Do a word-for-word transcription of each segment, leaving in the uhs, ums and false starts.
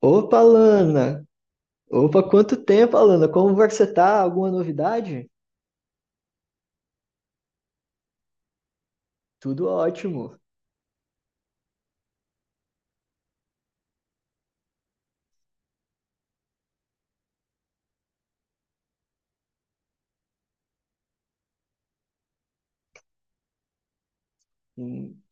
Opa, Lana! Opa, quanto tempo, Alana? Como você tá? Alguma novidade? Tudo ótimo. Hum.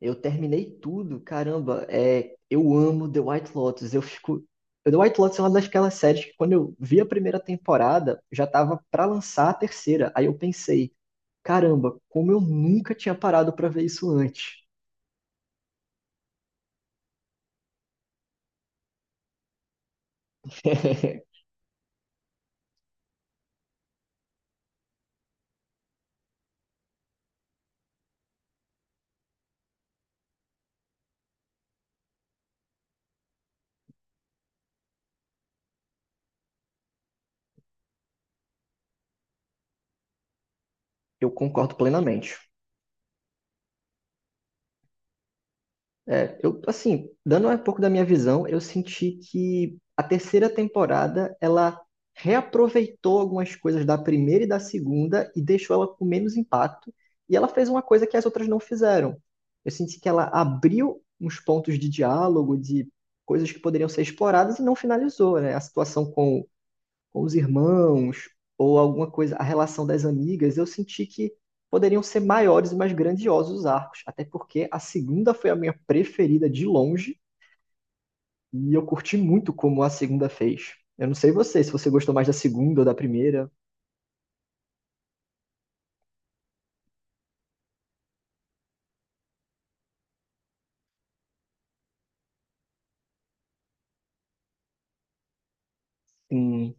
Eu terminei tudo, caramba. É, eu amo The White Lotus. Eu fico. The White Lotus é uma daquelas séries que quando eu vi a primeira temporada, já tava pra lançar a terceira. Aí eu pensei, caramba, como eu nunca tinha parado pra ver isso antes. Eu concordo plenamente. É, eu, assim, dando um pouco da minha visão, eu senti que a terceira temporada, ela reaproveitou algumas coisas da primeira e da segunda e deixou ela com menos impacto, e ela fez uma coisa que as outras não fizeram. Eu senti que ela abriu uns pontos de diálogo, de coisas que poderiam ser exploradas e não finalizou, né? A situação com com os irmãos ou alguma coisa, a relação das amigas, eu senti que poderiam ser maiores e mais grandiosos os arcos, até porque a segunda foi a minha preferida de longe e eu curti muito como a segunda fez. Eu não sei você, se você gostou mais da segunda ou da primeira. Sim.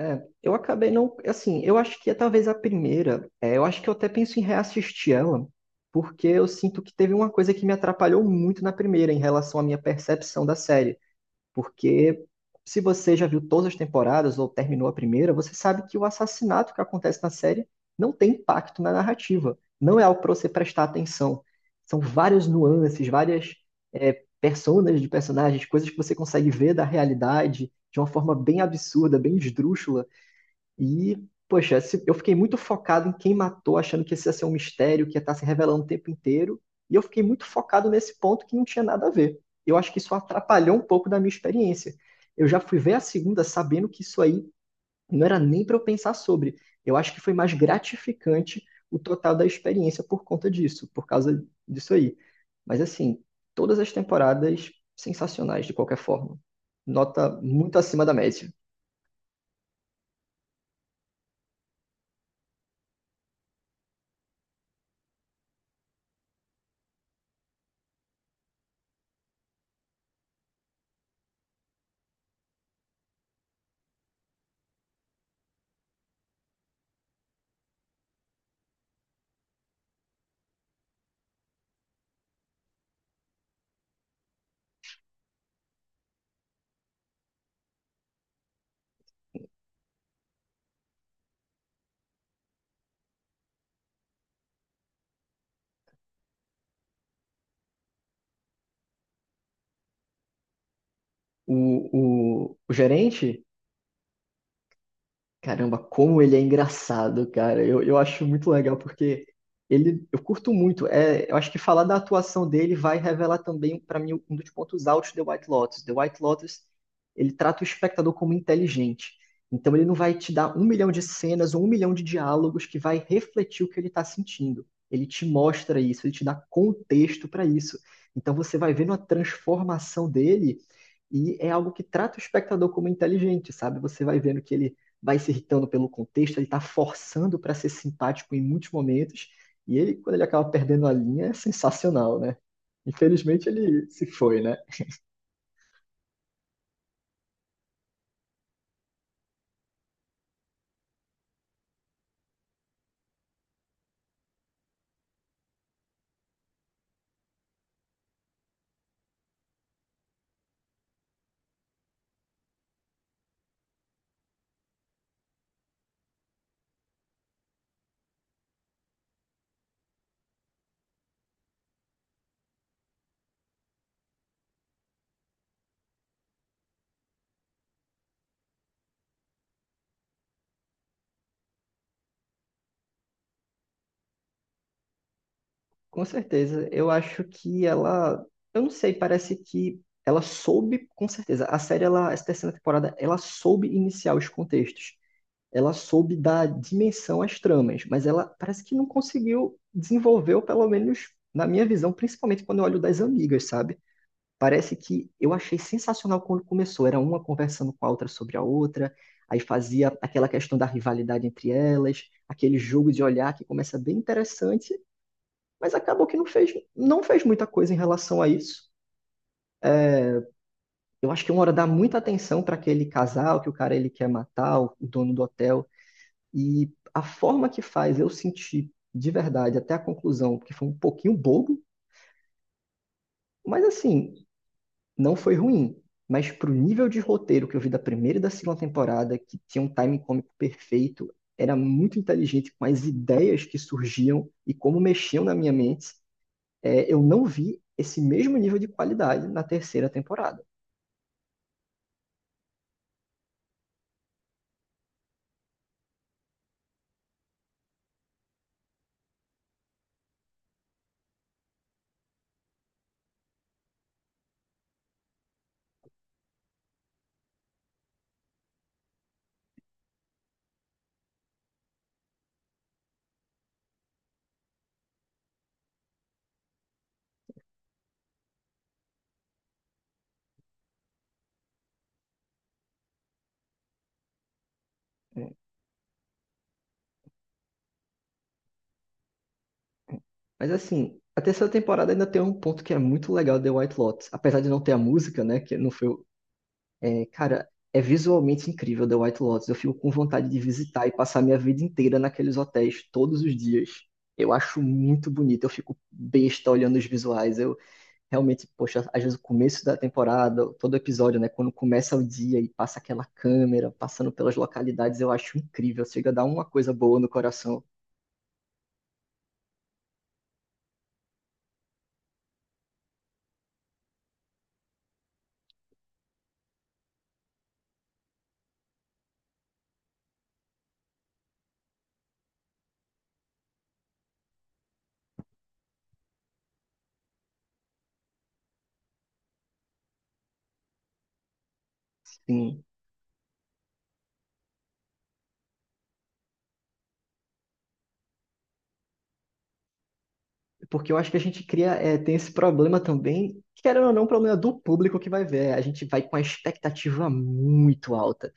É, eu acabei não, assim, eu acho que é talvez a primeira, é, eu acho que eu até penso em reassistir ela, porque eu sinto que teve uma coisa que me atrapalhou muito na primeira em relação à minha percepção da série. Porque se você já viu todas as temporadas ou terminou a primeira, você sabe que o assassinato que acontece na série não tem impacto na narrativa. Não é algo para você prestar atenção. São várias nuances, várias é, personas de personagens, coisas que você consegue ver da realidade de uma forma bem absurda, bem esdrúxula, e, poxa, esse- eu fiquei muito focado em quem matou, achando que esse ia ser um mistério, que ia estar se revelando o tempo inteiro. E eu fiquei muito focado nesse ponto que não tinha nada a ver. Eu acho que isso atrapalhou um pouco da minha experiência. Eu já fui ver a segunda sabendo que isso aí não era nem para eu pensar sobre. Eu acho que foi mais gratificante o total da experiência por conta disso, por causa disso aí. Mas assim, todas as temporadas sensacionais de qualquer forma. Nota muito acima da média. O, o, o gerente. Caramba, como ele é engraçado, cara. Eu, eu acho muito legal porque ele, eu curto muito. É, eu acho que falar da atuação dele vai revelar também pra mim um dos pontos altos de The White Lotus. The White Lotus, ele trata o espectador como inteligente. Então ele não vai te dar um milhão de cenas ou um milhão de diálogos que vai refletir o que ele está sentindo. Ele te mostra isso, ele te dá contexto para isso. Então você vai vendo a transformação dele. E é algo que trata o espectador como inteligente, sabe? Você vai vendo que ele vai se irritando pelo contexto, ele está forçando para ser simpático em muitos momentos, e ele, quando ele acaba perdendo a linha, é sensacional, né? Infelizmente ele se foi, né? Com certeza, eu acho que ela, eu não sei, parece que ela soube, com certeza, a série, ela, essa terceira temporada, ela soube iniciar os contextos, ela soube dar dimensão às tramas, mas ela parece que não conseguiu desenvolver, ou pelo menos na minha visão, principalmente quando eu olho das amigas, sabe? Parece que eu achei sensacional quando começou. Era uma conversando com a outra sobre a outra, aí fazia aquela questão da rivalidade entre elas, aquele jogo de olhar que começa bem interessante, mas acabou que não fez, não fez muita coisa em relação a isso. Eu acho que uma hora dá muita atenção para aquele casal que o cara ele quer matar, o dono do hotel, e a forma que faz eu sentir de verdade até a conclusão, porque foi um pouquinho bobo, mas assim, não foi ruim, mas pro nível de roteiro que eu vi da primeira e da segunda temporada, que tinha um timing cômico perfeito, era muito inteligente com as ideias que surgiam e como mexiam na minha mente, é, eu não vi esse mesmo nível de qualidade na terceira temporada. Né? Mas assim, a terceira temporada ainda tem um ponto que é muito legal de The White Lotus, apesar de não ter a música, né, que não foi. É, cara, é visualmente incrível The White Lotus. Eu fico com vontade de visitar e passar minha vida inteira naqueles hotéis todos os dias. Eu acho muito bonito, eu fico besta olhando os visuais. Eu realmente, poxa, às vezes o começo da temporada, todo episódio, né? Quando começa o dia e passa aquela câmera, passando pelas localidades, eu acho incrível. Chega a dar uma coisa boa no coração. Sim, porque eu acho que a gente cria, é, tem esse problema também, que era ou não, é um problema do público que vai ver. A gente vai com a expectativa muito alta.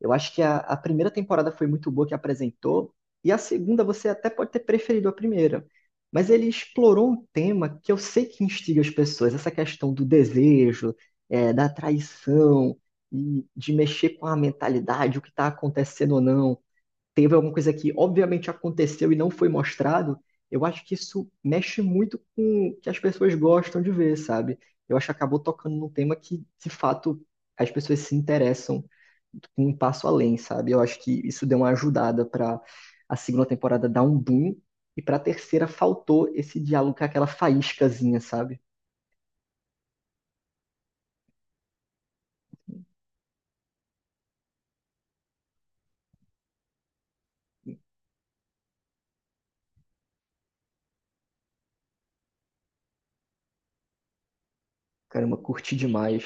Eu acho que a, a primeira temporada foi muito boa que apresentou, e a segunda você até pode ter preferido a primeira. Mas ele explorou um tema que eu sei que instiga as pessoas, essa questão do desejo, é, da traição, e de mexer com a mentalidade, o que está acontecendo ou não teve alguma coisa que obviamente aconteceu e não foi mostrado, eu acho que isso mexe muito com o que as pessoas gostam de ver, sabe? Eu acho que acabou tocando num tema que, de fato, as pessoas se interessam com um passo além, sabe? Eu acho que isso deu uma ajudada para a segunda temporada dar um boom e para a terceira faltou esse diálogo com aquela faíscazinha, sabe? Caramba, curti demais.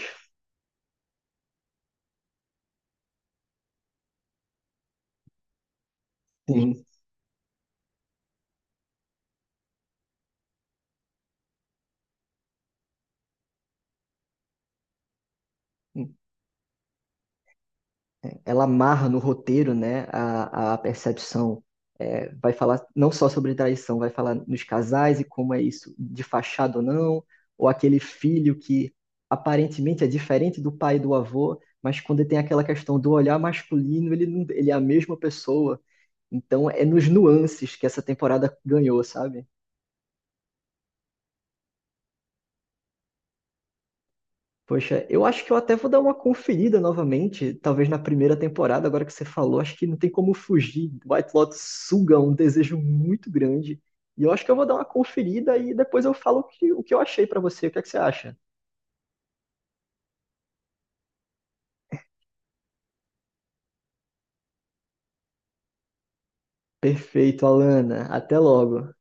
Sim. Ela amarra no roteiro, né, a, a percepção. É, vai falar não só sobre traição, vai falar nos casais e como é isso, de fachada ou não, ou aquele filho que aparentemente é diferente do pai e do avô, mas quando tem aquela questão do olhar masculino, ele, não- ele é a mesma pessoa. Então é nos nuances que essa temporada ganhou, sabe? Poxa, eu acho que eu até vou dar uma conferida novamente, talvez na primeira temporada, agora que você falou, acho que não tem como fugir. White Lotus suga um desejo muito grande. E eu acho que eu vou dar uma conferida e depois eu falo o que, o que eu achei pra você. O que é que você acha? Perfeito, Alana. Até logo.